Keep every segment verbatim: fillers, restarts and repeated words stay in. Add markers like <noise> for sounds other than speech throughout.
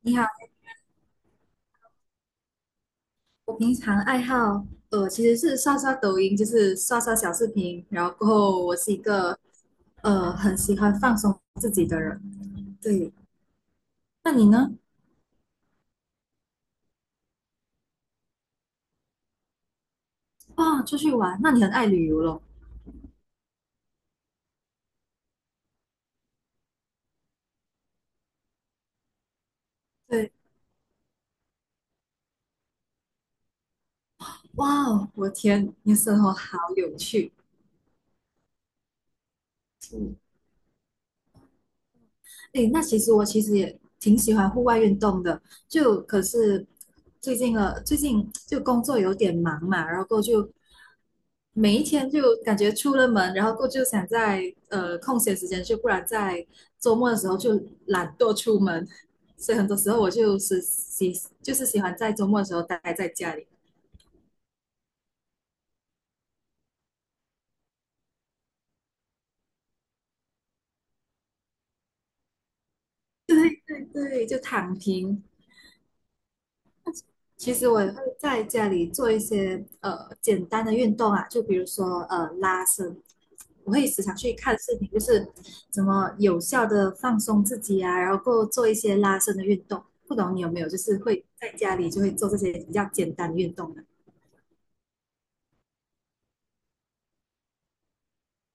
你好，我平常爱好呃其实是刷刷抖音，就是刷刷小视频，然后过后我是一个呃很喜欢放松自己的人。对，那你呢？哇，出去玩，那你很爱旅游咯。对，哇哦，我天，你的生活好有趣。诶，那其实我其实也挺喜欢户外运动的，就可是最近呃，最近就工作有点忙嘛，然后过后就每一天就感觉出了门，然后过就想在呃空闲时间去，不然在周末的时候就懒惰出门，所以很多时候我就是喜就是喜欢在周末的时候待在家里。<laughs> 对对对，就躺平，其实我也会在家里做一些呃简单的运动啊，就比如说呃拉伸，我会时常去看视频，就是怎么有效的放松自己啊，然后够做一些拉伸的运动。不懂你有没有就是会在家里就会做这些比较简单的运动呢？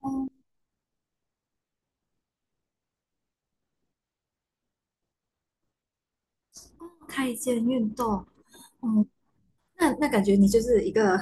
哦，开间运动，嗯，那那感觉你就是一个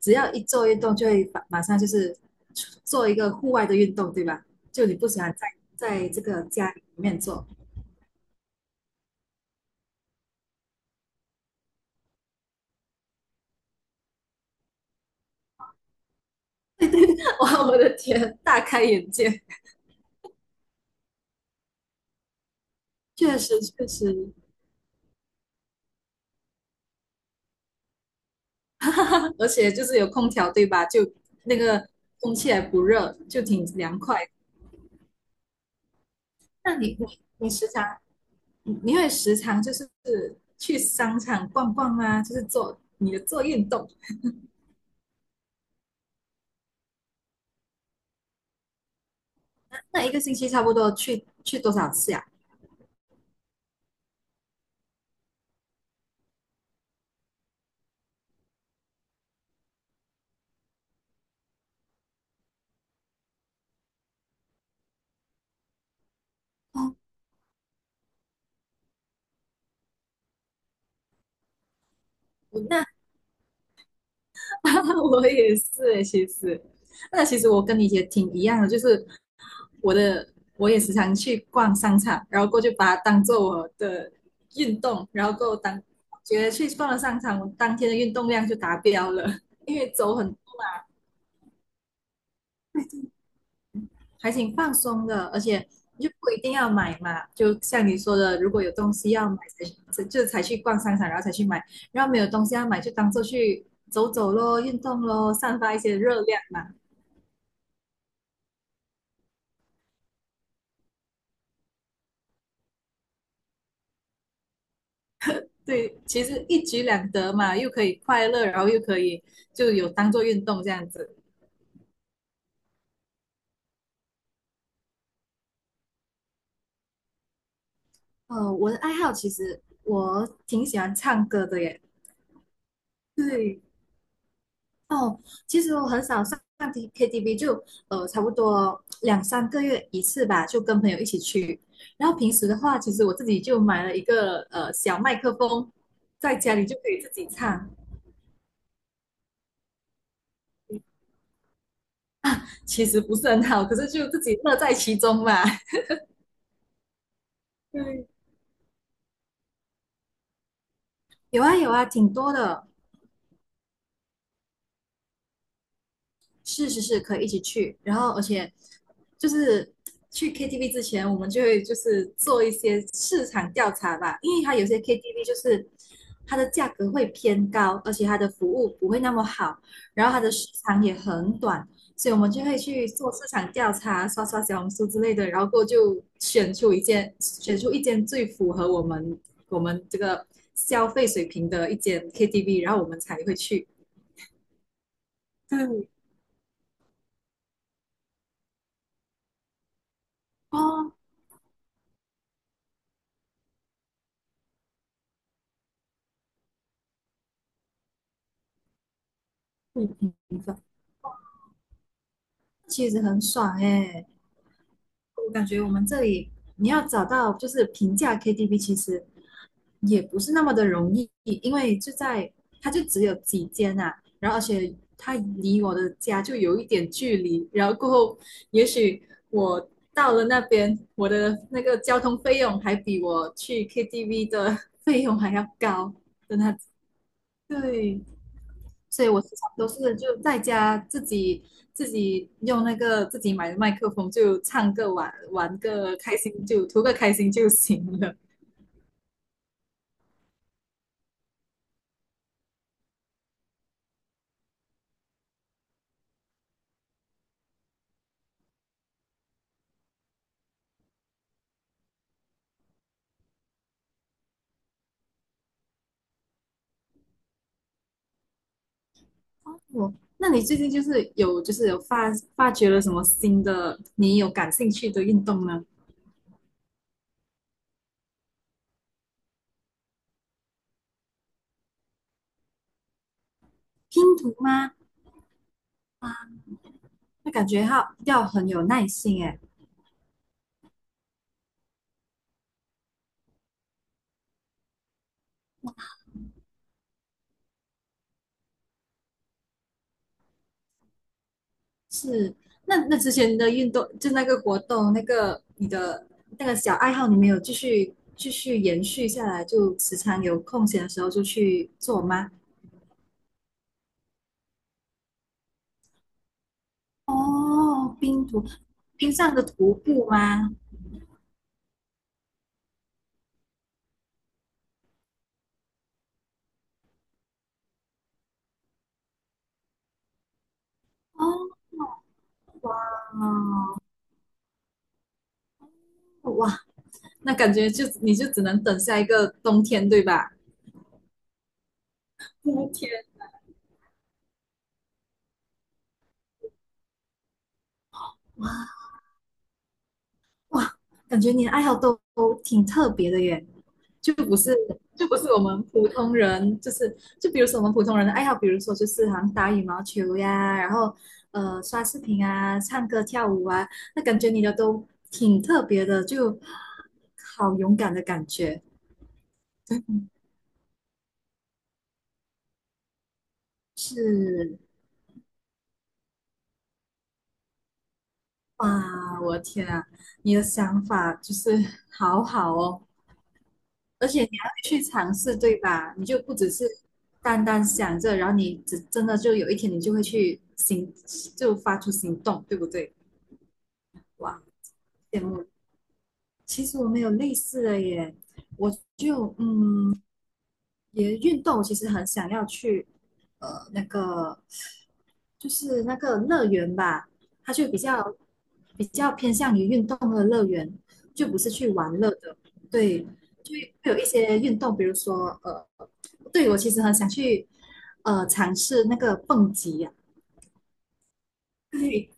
只要一做运动就会马马上就是做一个户外的运动，对吧？就你不喜欢在在这个家里面做。<laughs> 哇，我的天，大开眼界，确实确实，<laughs> 而且就是有空调对吧？就那个空气还不热，就挺凉快的。那你你你时常你你会时常就是去商场逛逛啊，就是做你的做运动，那一个星期差不多去去多少次呀、哦，那 <laughs> 我也是诶，其实，那其实我跟你也挺一样的，就是我的我也时常去逛商场，然后过去把它当做我的运动，然后够当觉得去逛了商场，我当天的运动量就达标了，<laughs> 因为走很还挺放松的，而且你就不一定要买嘛，就像你说的，如果有东西要买才才就才去逛商场，然后才去买，然后没有东西要买就当做去走走咯，运动咯，散发一些热量嘛。对，其实一举两得嘛，又可以快乐，然后又可以就有当做运动这样子。呃，我的爱好其实我挺喜欢唱歌的耶。对，哦，其实我很少上上 K- KTV,就呃差不多两三个月一次吧，就跟朋友一起去。然后平时的话，其实我自己就买了一个呃小麦克风，在家里就可以自己唱。其实不是很好，可是就自己乐在其中嘛。<laughs> 对，有啊有啊，挺多的。是是是，可以一起去。然后，而且就是去 K T V 之前，我们就会就是做一些市场调查吧，因为它有些 K T V 就是它的价格会偏高，而且它的服务不会那么好，然后它的时长也很短，所以我们就会去做市场调查，刷刷小红书之类的，然后过后就选出一间，选出一间最符合我们我们这个消费水平的一间 K T V,然后我们才会去。对，哦，嗯，其实很爽哎、我感觉我们这里你要找到就是平价 K T V,其实也不是那么的容易，因为就在它就只有几间啊，然后而且它离我的家就有一点距离，然后过后也许我到了那边，我的那个交通费用还比我去 K T V 的费用还要高的那，对，所以我时常都是就在家自己自己用那个自己买的麦克风就唱个玩玩个开心就图个开心就行了。<laughs> 我，那你最近就是有就是有发发掘了什么新的你有感兴趣的运动呢？拼图吗？那感觉要要很有耐心诶。是，那那之前的运动就那个活动那个你的那个小爱好你没有继续继续延续下来，就时常有空闲的时候就去做吗？哦，冰徒，冰上的徒步吗？哦，哇，哇，那感觉就你就只能等下一个冬天，对吧？冬天，哇，感觉你的爱好都都挺特别的耶，就不是就不是我们普通人，就是就比如说我们普通人的爱好，比如说就是好像打羽毛球呀，然后呃刷视频啊、唱歌跳舞啊，那感觉你的都挺特别的，就好勇敢的感觉，是哇，我的天啊，你的想法就是 <laughs> 好好哦，而且你还会去尝试，对吧？你就不只是单单想着，然后你只真的就有一天你就会去行，就发出行动，对不对？哇，羡慕。其实我没有类似的耶，我就嗯，也运动，其实很想要去呃那个就是那个乐园吧，它就比较比较偏向于运动的乐园，就不是去玩乐的。对，就会有一些运动，比如说呃，对我其实很想去呃尝试那个蹦极呀、<laughs> 对，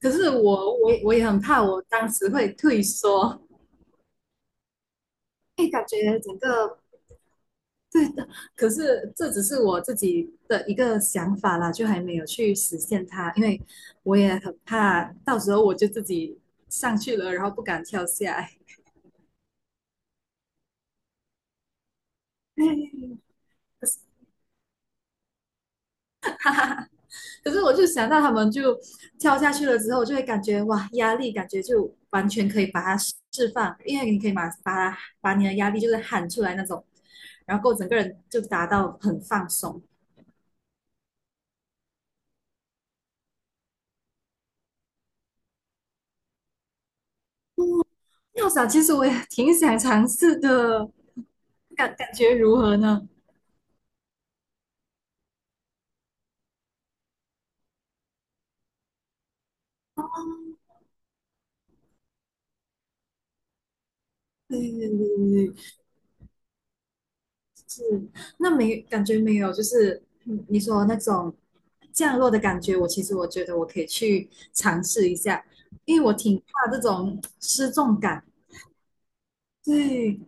可是我我我也很怕，我当时会退缩，因为感觉整个可是这只是我自己的一个想法啦，就还没有去实现它，因为我也很怕到时候我就自己上去了，然后不敢跳下来。<laughs> 可是我就想到他们就跳下去了之后，就会感觉哇，压力感觉就完全可以把它释放，因为你可以把把把你的压力就是喊出来那种，然后整个人就达到很放松。要想，其实我也挺想尝试的，感感觉如何呢？对对对对是，那没感觉没有，就是嗯你说那种降落的感觉，我其实我觉得我可以去尝试一下，因为我挺怕这种失重感。对，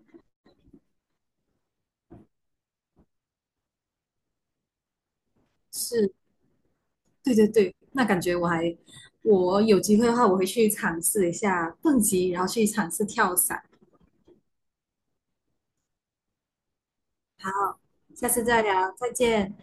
是，对对对，那感觉我还，我有机会的话，我会去尝试一下蹦极，然后去尝试跳伞。好，下次再聊，再见。